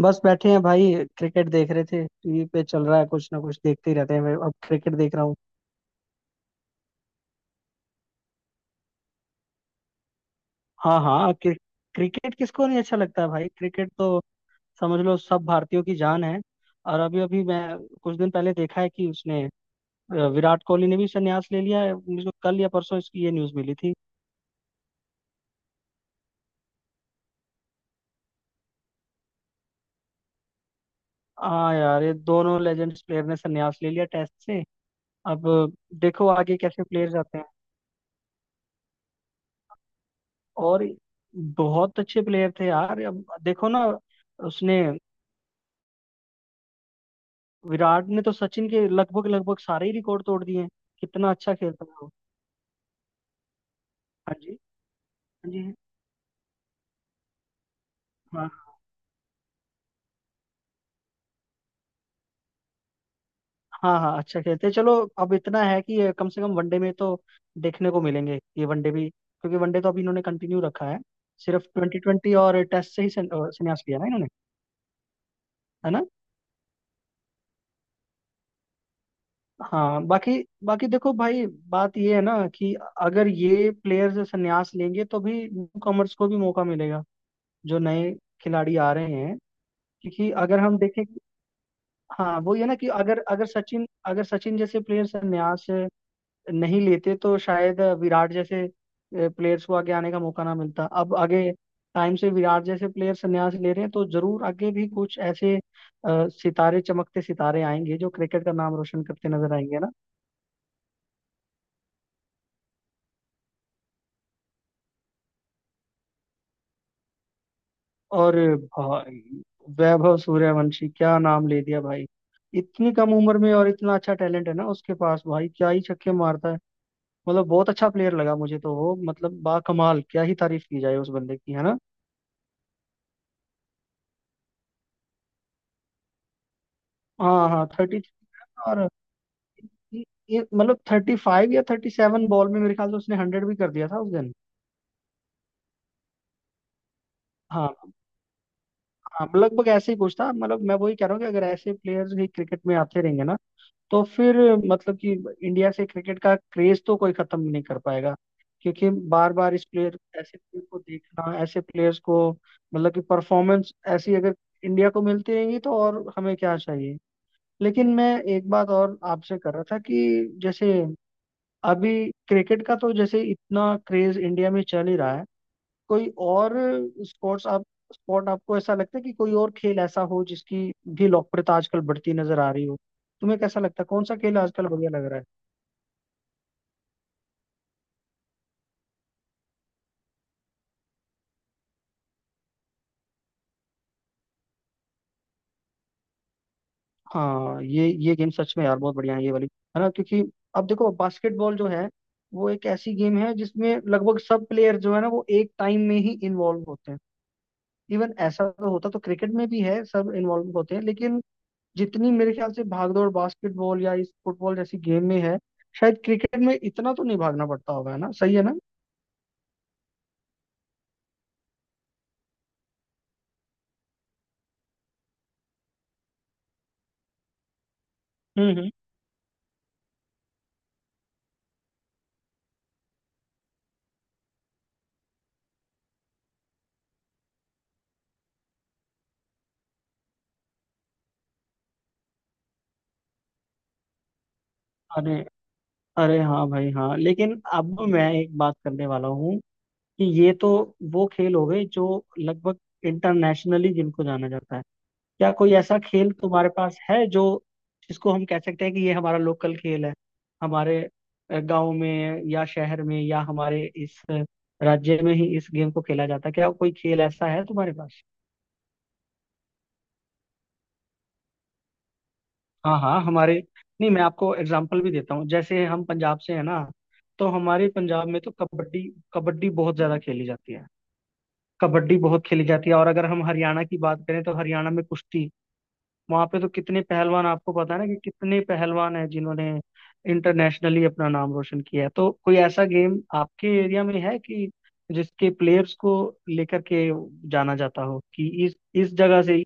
बस बैठे हैं भाई। क्रिकेट देख रहे थे, टीवी पे चल रहा है, कुछ ना कुछ देखते ही रहते हैं। मैं अब क्रिकेट देख रहा हूँ। हाँ हाँ, क्रिकेट किसको नहीं अच्छा लगता है भाई। क्रिकेट तो समझ लो सब भारतीयों की जान है। और अभी अभी मैं कुछ दिन पहले देखा है कि उसने विराट कोहली ने भी संन्यास ले लिया है। मुझे को कल या परसों इसकी ये न्यूज मिली थी। हाँ यार, ये दोनों लेजेंड्स प्लेयर ने संन्यास ले लिया टेस्ट से। अब देखो आगे कैसे प्लेयर आते हैं। और बहुत अच्छे प्लेयर थे यार। अब देखो ना, उसने विराट ने तो सचिन के लगभग लगभग सारे ही रिकॉर्ड तोड़ दिए हैं। कितना अच्छा खेलता है वो। हाँ जी। हाँ जी। हाँ हाँ, हाँ अच्छा खेलते हैं, चलो। अब इतना है कि ये कम से कम वनडे में तो देखने को मिलेंगे ये, वनडे भी, क्योंकि वनडे तो अभी इन्होंने कंटिन्यू रखा है। सिर्फ T20 और टेस्ट से ही संन्यास लिया ना इन्होंने। है ना। हाँ बाकी, बाकी देखो भाई, बात ये है ना कि अगर ये प्लेयर्स संन्यास लेंगे तो भी न्यू कॉमर्स को भी मौका मिलेगा, जो नए खिलाड़ी आ रहे हैं। क्योंकि अगर हम देखें, हाँ वो ये ना कि अगर अगर सचिन अगर सचिन जैसे प्लेयर्स यहाँ से नहीं लेते तो शायद विराट जैसे प्लेयर्स को आगे आने का मौका ना मिलता। अब आगे टाइम से विराट जैसे प्लेयर्स संन्यास ले रहे हैं तो जरूर आगे भी कुछ ऐसे सितारे, चमकते सितारे आएंगे जो क्रिकेट का नाम रोशन करते नजर आएंगे ना। और भाई, वैभव सूर्यवंशी, क्या नाम ले दिया भाई। इतनी कम उम्र में और इतना अच्छा टैलेंट है ना उसके पास, भाई क्या ही छक्के मारता है। मतलब बहुत अच्छा प्लेयर लगा मुझे तो वो, मतलब बा, कमाल, क्या ही तारीफ की जाए उस बंदे की, है ना। हाँ हाँ, 30, और ये- ये मतलब 35 या 37 बॉल में मेरे ख्याल से उसने 100 भी कर दिया था उस दिन। हाँ हाँ, लगभग ऐसे ही कुछ था। मतलब मैं वही कह रहा हूँ कि अगर ऐसे प्लेयर्स ही क्रिकेट में आते रहेंगे ना तो फिर मतलब कि इंडिया से क्रिकेट का क्रेज तो कोई खत्म नहीं कर पाएगा। क्योंकि बार बार इस प्लेयर, ऐसे प्लेयर को देखना, ऐसे प्लेयर्स को, मतलब कि परफॉर्मेंस ऐसी अगर इंडिया को मिलती रहेंगी तो और हमें क्या चाहिए। लेकिन मैं एक बात और आपसे कर रहा था कि जैसे अभी क्रिकेट का तो जैसे इतना क्रेज इंडिया में चल ही रहा है, कोई और स्पोर्ट्स आप स्पोर्ट आपको ऐसा लगता है कि कोई और खेल ऐसा हो जिसकी भी लोकप्रियता आजकल बढ़ती नजर आ रही हो। तुम्हें कैसा लगता है, कौन सा खेल आजकल बढ़िया लग रहा है। हाँ, ये गेम सच में यार बहुत बढ़िया है ये वाली, है ना। क्योंकि अब देखो, बास्केटबॉल जो है वो एक ऐसी गेम है जिसमें लगभग सब प्लेयर जो है ना वो एक टाइम में ही इन्वॉल्व होते हैं। इवन ऐसा तो होता तो क्रिकेट में भी है, सब इन्वॉल्व होते हैं, लेकिन जितनी मेरे ख्याल से भागदौड़ बास्केटबॉल या इस फुटबॉल जैसी गेम में है, शायद क्रिकेट में इतना तो नहीं भागना पड़ता होगा, है ना, सही है ना। हम्म हम्म अरे, अरे हाँ भाई, हाँ, लेकिन अब मैं एक बात करने वाला हूँ कि ये तो वो खेल हो गए जो लगभग इंटरनेशनली जिनको जाना जाता है। क्या कोई ऐसा खेल तुम्हारे पास है जो, जिसको हम कह सकते हैं कि ये हमारा लोकल खेल है, हमारे गांव में या शहर में या हमारे इस राज्य में ही इस गेम को खेला जाता है। क्या कोई खेल ऐसा है तुम्हारे पास। हाँ हाँ हमारे, नहीं मैं आपको एग्जाम्पल भी देता हूँ। जैसे हम पंजाब से है ना, तो हमारे पंजाब में तो कबड्डी कबड्डी बहुत ज्यादा खेली जाती है। कबड्डी बहुत खेली जाती है। और अगर हम हरियाणा की बात करें तो हरियाणा में कुश्ती, वहां पे तो कितने पहलवान, आपको पता है ना कि कितने पहलवान हैं जिन्होंने इंटरनेशनली अपना नाम रोशन किया है। तो कोई ऐसा गेम आपके एरिया में है कि जिसके प्लेयर्स को लेकर के जाना जाता हो कि इस जगह से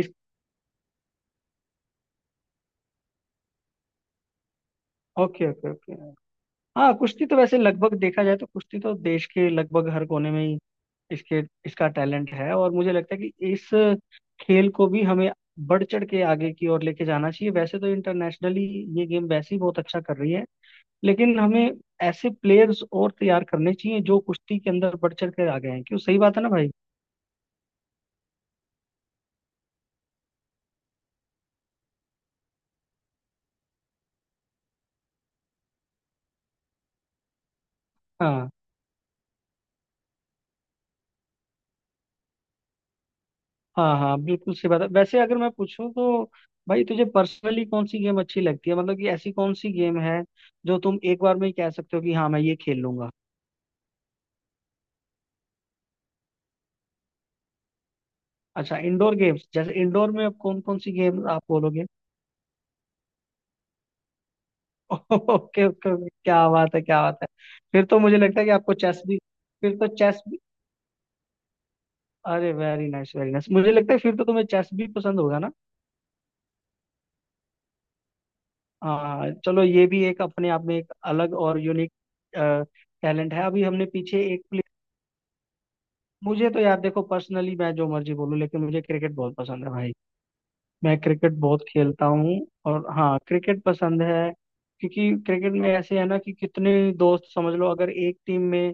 इस, ओके ओके ओके। हाँ कुश्ती तो वैसे लगभग, देखा जाए तो कुश्ती तो देश के लगभग हर कोने में ही इसके, इसका टैलेंट है। और मुझे लगता है कि इस खेल को भी हमें बढ़ चढ़ के आगे की ओर लेके जाना चाहिए। वैसे तो इंटरनेशनली ये गेम वैसे ही बहुत अच्छा कर रही है, लेकिन हमें ऐसे प्लेयर्स और तैयार करने चाहिए जो कुश्ती के अंदर बढ़ चढ़ कर आ गए हैं। क्यों, सही बात है ना भाई। हाँ हाँ हाँ, बिल्कुल सही बात है। वैसे अगर मैं पूछूं तो भाई तुझे पर्सनली कौन सी गेम अच्छी लगती है। मतलब कि ऐसी कौन सी गेम है जो तुम एक बार में ही कह सकते हो कि हाँ मैं ये खेल लूंगा। अच्छा इंडोर गेम्स, जैसे इंडोर में अब कौन कौन सी गेम आप बोलोगे। ओके ओके ओके, क्या बात है क्या बात है। फिर तो मुझे लगता है कि आपको चेस भी, फिर तो चेस भी, अरे वेरी नाइस वेरी नाइस, मुझे लगता है फिर तो तुम्हें चेस भी पसंद होगा ना। हाँ चलो, ये भी एक अपने आप में एक अलग और यूनिक टैलेंट है। अभी हमने पीछे एक प्ले, मुझे तो यार देखो पर्सनली मैं जो मर्जी बोलूँ लेकिन मुझे क्रिकेट बहुत पसंद है भाई। मैं क्रिकेट बहुत खेलता हूँ। और हाँ क्रिकेट पसंद है। क्योंकि क्रिकेट में ऐसे है ना कि कितने दोस्त, समझ लो अगर एक टीम में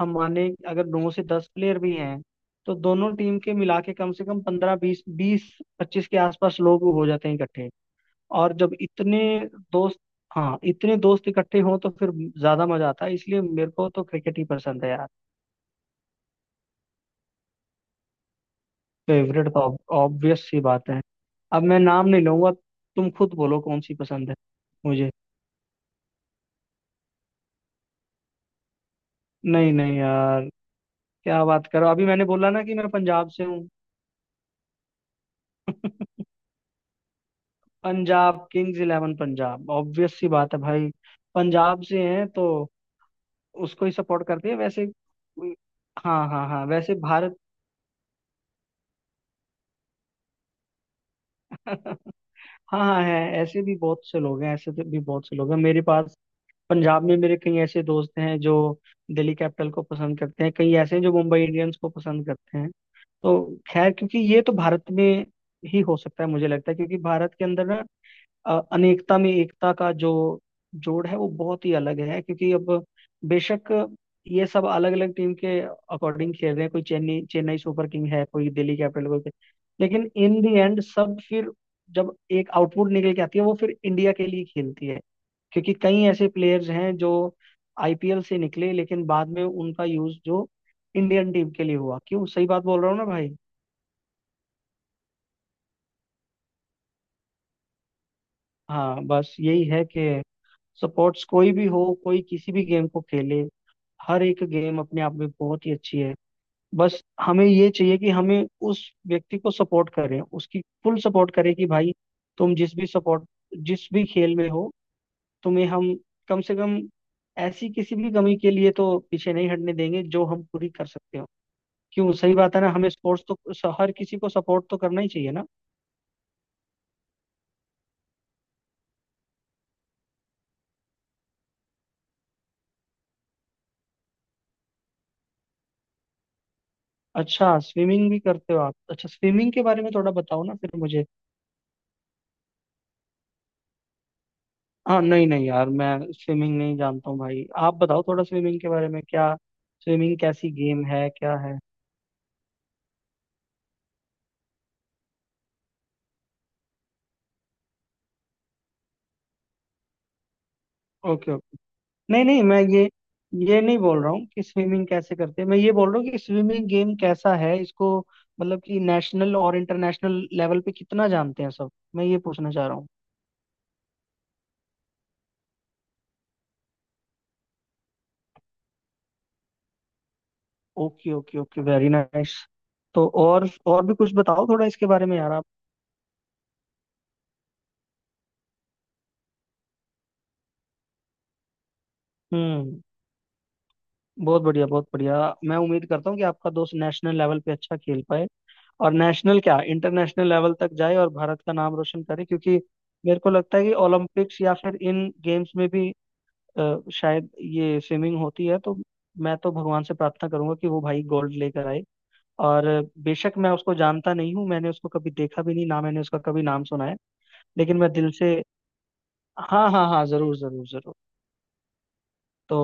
हम माने अगर 9 से 10 प्लेयर भी हैं तो दोनों टीम के मिला के कम से कम 15, 20, 20, 25 के आसपास लोग हो जाते हैं इकट्ठे। और जब इतने दोस्त, हाँ इतने दोस्त इकट्ठे हों तो फिर ज्यादा मजा आता है, इसलिए मेरे को तो क्रिकेट ही पसंद है यार। फेवरेट तो ऑब्वियस सी बात है, अब मैं नाम नहीं लूंगा, तुम खुद बोलो कौन सी पसंद है मुझे। नहीं नहीं यार, क्या बात करो, अभी मैंने बोला ना कि मैं पंजाब से हूँ। पंजाब किंग्स 11 पंजाब, ऑब्वियस सी बात है भाई, पंजाब से हैं तो उसको ही सपोर्ट करते हैं वैसे। हाँ हाँ हाँ, वैसे भारत, हाँ हाँ, है ऐसे भी बहुत से लोग हैं, ऐसे तो भी बहुत से लोग हैं मेरे पास। पंजाब में मेरे कई ऐसे दोस्त हैं जो दिल्ली कैपिटल को पसंद करते हैं, कई ऐसे हैं जो मुंबई इंडियंस को पसंद करते हैं। तो खैर, क्योंकि ये तो भारत में ही हो सकता है मुझे लगता है, क्योंकि भारत के अंदर ना अनेकता में एकता का जो जोड़ है वो बहुत ही अलग है। क्योंकि अब बेशक ये सब अलग अलग टीम के अकॉर्डिंग खेल रहे हैं, कोई चेन्नई चेन्नई सुपर किंग है, कोई दिल्ली कैपिटल, कोई, लेकिन इन दी एंड सब फिर जब एक आउटपुट निकल के आती है वो फिर इंडिया के लिए खेलती है। क्योंकि कई ऐसे प्लेयर्स हैं जो IPL से निकले लेकिन बाद में उनका यूज जो इंडियन टीम के लिए हुआ। क्यों, सही बात बोल रहा हूँ ना भाई। हाँ बस यही है कि सपोर्ट्स कोई भी हो, कोई किसी भी गेम को खेले, हर एक गेम अपने आप में बहुत ही अच्छी है। बस हमें ये चाहिए कि हमें उस व्यक्ति को सपोर्ट करें, उसकी फुल सपोर्ट करें कि भाई तुम जिस भी सपोर्ट, जिस भी खेल में हो, तुम्हें हम कम से कम ऐसी किसी भी कमी के लिए तो पीछे नहीं हटने देंगे जो हम पूरी कर सकते हो। क्यों, सही बात है ना, हमें स्पोर्ट्स तो हर किसी को सपोर्ट तो करना ही चाहिए ना। अच्छा स्विमिंग भी करते हो आप, अच्छा स्विमिंग के बारे में थोड़ा बताओ ना फिर मुझे। हाँ नहीं नहीं यार, मैं स्विमिंग नहीं जानता हूँ भाई, आप बताओ थोड़ा स्विमिंग के बारे में, क्या स्विमिंग कैसी गेम है, क्या है। ओके ओके, नहीं नहीं, मैं ये नहीं बोल रहा हूँ कि स्विमिंग कैसे करते हैं, मैं ये बोल रहा हूँ कि स्विमिंग गेम कैसा है इसको, मतलब कि नेशनल और इंटरनेशनल लेवल पे कितना जानते हैं सब, मैं ये पूछना चाह रहा हूँ। Okay okay okay, very nice. तो और भी कुछ बताओ थोड़ा इसके बारे में यार आप। हम्म, बहुत बढ़िया बहुत बढ़िया। मैं उम्मीद करता हूँ कि आपका दोस्त नेशनल लेवल पे अच्छा खेल पाए और नेशनल क्या, इंटरनेशनल लेवल तक जाए और भारत का नाम रोशन करे। क्योंकि मेरे को लगता है कि ओलंपिक्स या फिर इन गेम्स में भी शायद ये स्विमिंग होती है, तो मैं तो भगवान से प्रार्थना करूंगा कि वो भाई गोल्ड लेकर आए। और बेशक मैं उसको जानता नहीं हूँ, मैंने उसको कभी देखा भी नहीं ना मैंने उसका कभी नाम सुना है, लेकिन मैं दिल से, हाँ हाँ हाँ, जरूर जरूर जरूर। तो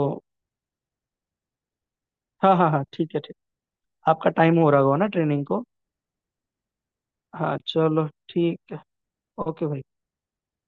हाँ हाँ हाँ, ठीक है ठीक। आपका टाइम हो रहा होगा ना ट्रेनिंग को। हाँ चलो, ठीक है, ओके भाई।